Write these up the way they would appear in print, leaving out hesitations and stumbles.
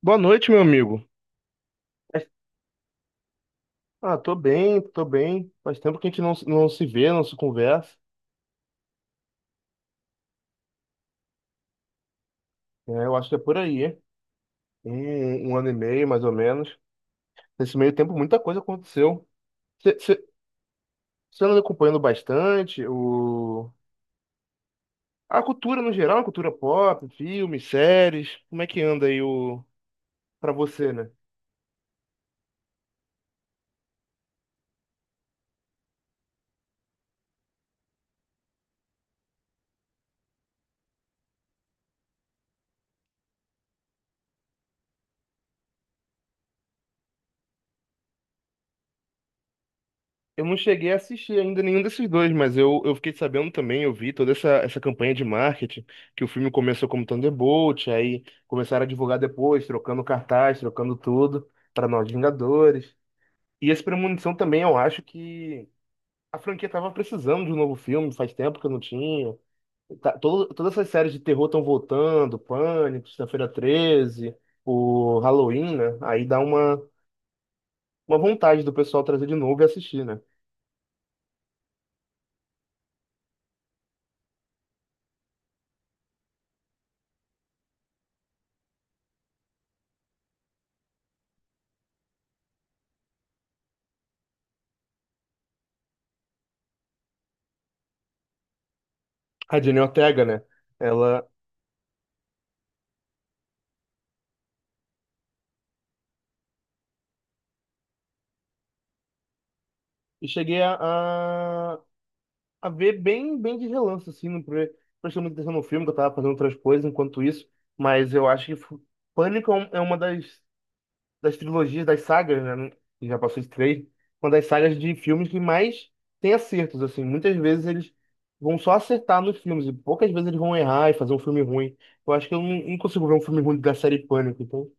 Boa noite, meu amigo. Mas- Ah, tô bem, tô bem. Faz tempo que a gente não se vê, não se conversa. É, eu acho que é por aí, hein? Um ano e meio, mais ou menos. Nesse meio tempo, muita coisa aconteceu. Você anda acompanhando bastante a cultura no geral, a cultura pop, filmes, séries. Como é que anda aí pra você, né? Eu não cheguei a assistir ainda nenhum desses dois, mas eu fiquei sabendo também, eu vi toda essa campanha de marketing, que o filme começou como Thunderbolt, aí começaram a divulgar depois, trocando cartaz, trocando tudo, para Novos Vingadores. E esse Premonição também, eu acho que a franquia tava precisando de um novo filme, faz tempo que eu não tinha. Todas essas séries de terror estão voltando, Pânico, Sexta-feira 13, o Halloween, né? Aí dá uma vontade do pessoal trazer de novo e assistir, né? A Jenny Ortega, né? Ela, e cheguei a ver bem, bem de relance, assim, não pre- prestei muita atenção no filme, que eu tava fazendo outras coisas enquanto isso, mas eu acho que Pânico é é uma das trilogias, das sagas, né, que já passou de três, uma das sagas de filmes que mais tem acertos, assim, muitas vezes eles vão só acertar nos filmes, e poucas vezes eles vão errar e fazer um filme ruim. Eu acho que eu não consigo ver um filme ruim da série Pânico, então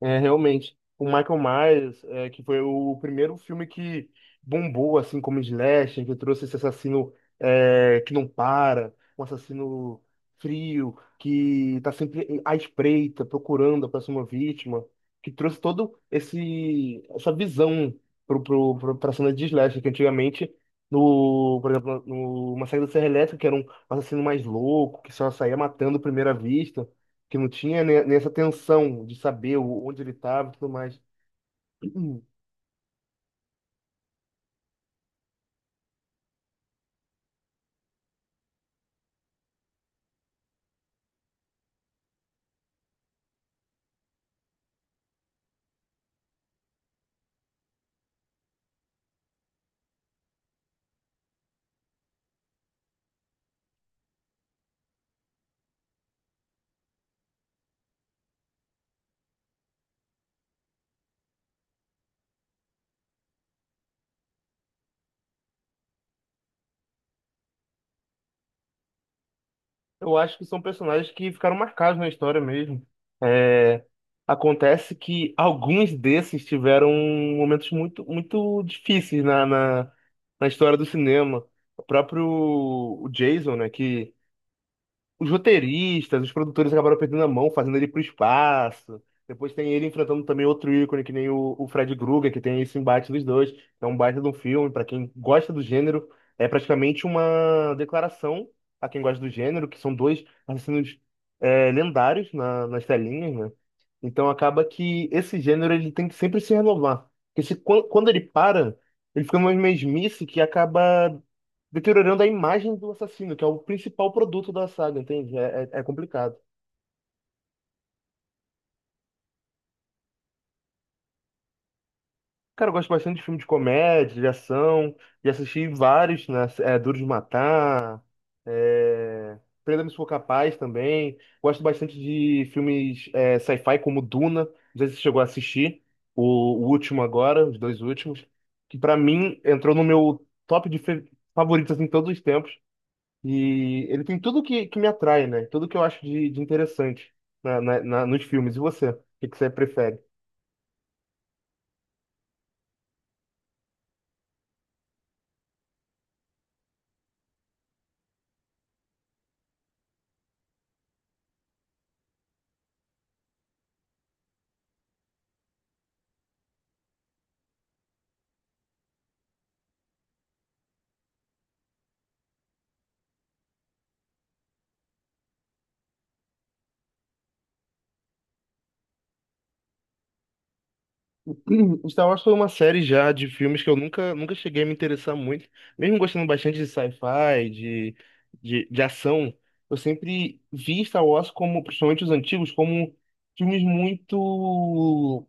é, realmente. O Michael Myers, que foi o primeiro filme que bombou, assim, como slasher, que trouxe esse assassino que não para, um assassino frio, que tá sempre à espreita, procurando a próxima vítima, que trouxe todo esse essa visão pra cena de slasher, que antigamente, no, por exemplo, no Massacre da Serra Elétrica, que era um assassino mais louco, que só saía matando à primeira vista, que não tinha né, nessa tensão de saber onde ele estava e tudo mais. Eu acho que são personagens que ficaram marcados na história mesmo. É, acontece que alguns desses tiveram momentos muito difíceis na história do cinema. O próprio o Jason, né, que os roteiristas, os produtores acabaram perdendo a mão, fazendo ele pro espaço. Depois tem ele enfrentando também outro ícone, que nem o Fred Krueger, que tem esse embate dos dois. É um baita de um filme, para quem gosta do gênero, é praticamente uma declaração a quem gosta do gênero, que são dois assassinos lendários nas telinhas, né? Então acaba que esse gênero ele tem que sempre se renovar. Porque se, quan- quando ele para, ele fica numa mesmice que acaba deteriorando a imagem do assassino, que é o principal produto da saga, entende? É complicado. Cara, eu gosto bastante de filme de comédia, de ação, e assisti vários, né? É, Duro de Matar, é... Prenda-me se for capaz também. Gosto bastante de filmes sci-fi como Duna. Não sei se você chegou a assistir o, o último agora, os dois últimos, que pra mim entrou no meu top de favoritos em todos os tempos. E ele tem tudo que me atrai, né? Tudo que eu acho de interessante nos filmes. E você? O que, que você prefere? Star Wars foi uma série já de filmes que eu nunca cheguei a me interessar muito. Mesmo gostando bastante de de ação, eu sempre vi Star Wars como, principalmente os antigos, como filmes muito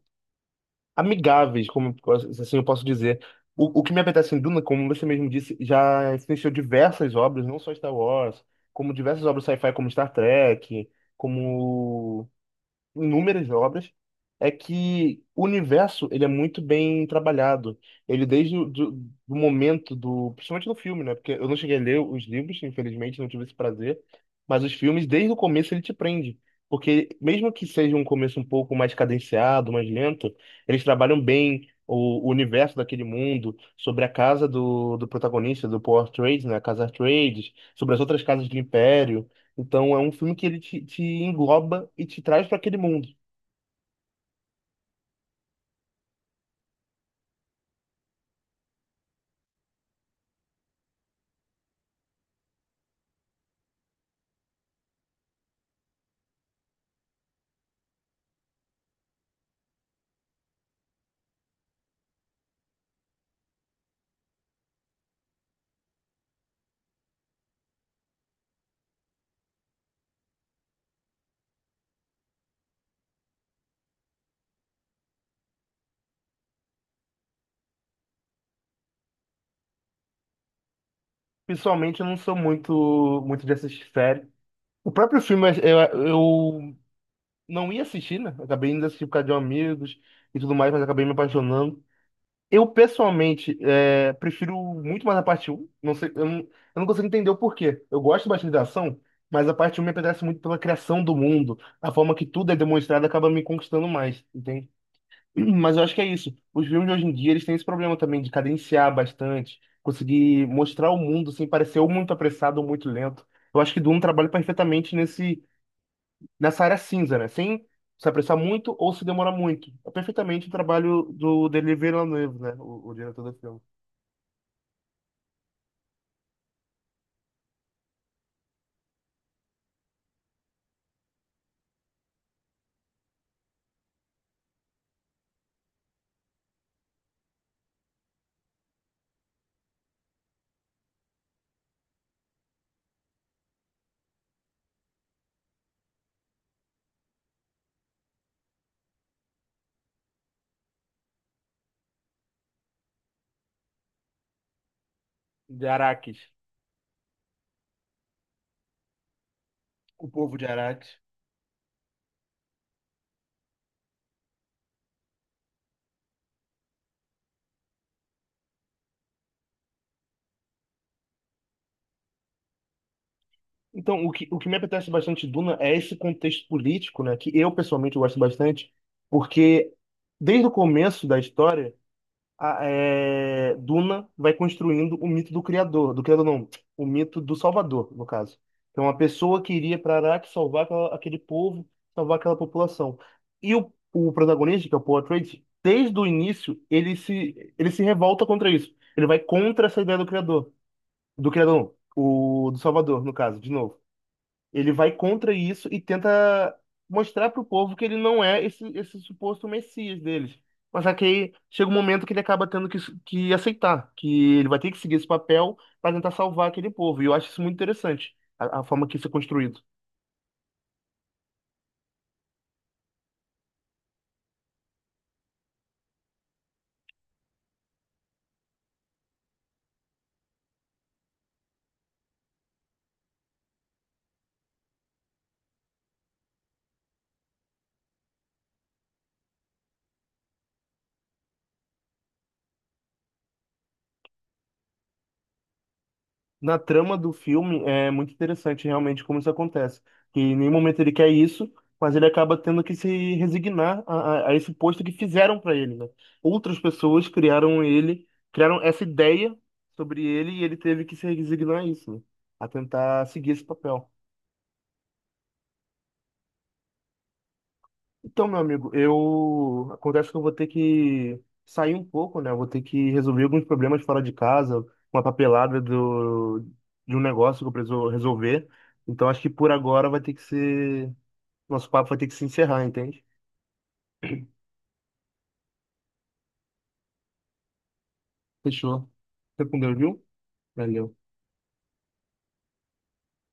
amigáveis, como assim eu posso dizer. O que me apetece em Duna, como você mesmo disse, já existiu diversas obras, não só Star Wars, como diversas obras sci-fi como Star Trek, como inúmeras obras, é que o universo ele é muito bem trabalhado. Ele do momento do, principalmente no filme, né? Porque eu não cheguei a ler os livros, infelizmente, não tive esse prazer, mas os filmes desde o começo ele te prende. Porque mesmo que seja um começo um pouco mais cadenciado, mais lento, eles trabalham bem o universo daquele mundo, sobre a casa do protagonista, do Paul Atreides, né? A casa Atreides, sobre as outras casas do Império. Então é um filme que ele te engloba e te traz para aquele mundo. Pessoalmente, eu não sou muito de assistir série. O próprio filme eu não ia assistir, né? Acabei indo assistir por causa de um amigos e tudo mais, mas acabei me apaixonando. Eu, pessoalmente, prefiro muito mais a parte um. Não sei, eu não consigo entender o porquê. Eu gosto bastante da ação, mas a parte um me apetece muito pela criação do mundo. A forma que tudo é demonstrado acaba me conquistando mais, entende? Mas eu acho que é isso. Os filmes de hoje em dia, eles têm esse problema também de cadenciar bastante, conseguir mostrar o mundo sem parecer ou muito apressado ou muito lento. Eu acho que Dune trabalha perfeitamente nessa área cinza, né? Sem se apressar muito ou se demorar muito. É perfeitamente o trabalho do Denis Villeneuve, né? O diretor do filme. De Araques. O povo de Araques. Então, o que me apetece bastante de Duna é esse contexto político, né? Que eu, pessoalmente, gosto bastante, porque desde o começo da história Duna vai construindo o mito do criador não, o mito do salvador, no caso. Então, uma pessoa que iria para Arrakis salvar aquele povo, salvar aquela população. E o protagonista, que é o Paul Atreides, desde o início, ele se revolta contra isso. Ele vai contra essa ideia do criador não, do salvador, no caso, de novo. Ele vai contra isso e tenta mostrar para o povo que ele não é esse suposto Messias deles. Mas só que aí chega um momento que ele acaba tendo que aceitar, que ele vai ter que seguir esse papel para tentar salvar aquele povo. E eu acho isso muito interessante, a forma que isso é construído. Na trama do filme é muito interessante realmente como isso acontece. Que em nenhum momento ele quer isso, mas ele acaba tendo que se resignar a esse posto que fizeram para ele, né? Outras pessoas criaram ele, criaram essa ideia sobre ele e ele teve que se resignar a isso, né? A tentar seguir esse papel. Então, meu amigo, eu acontece que eu vou ter que sair um pouco, né? Eu vou ter que resolver alguns problemas fora de casa, uma papelada de um negócio que eu preciso resolver. Então, acho que por agora vai ter que ser. Nosso papo vai ter que se encerrar, entende? Fechou. Fica com Deus, viu? Valeu.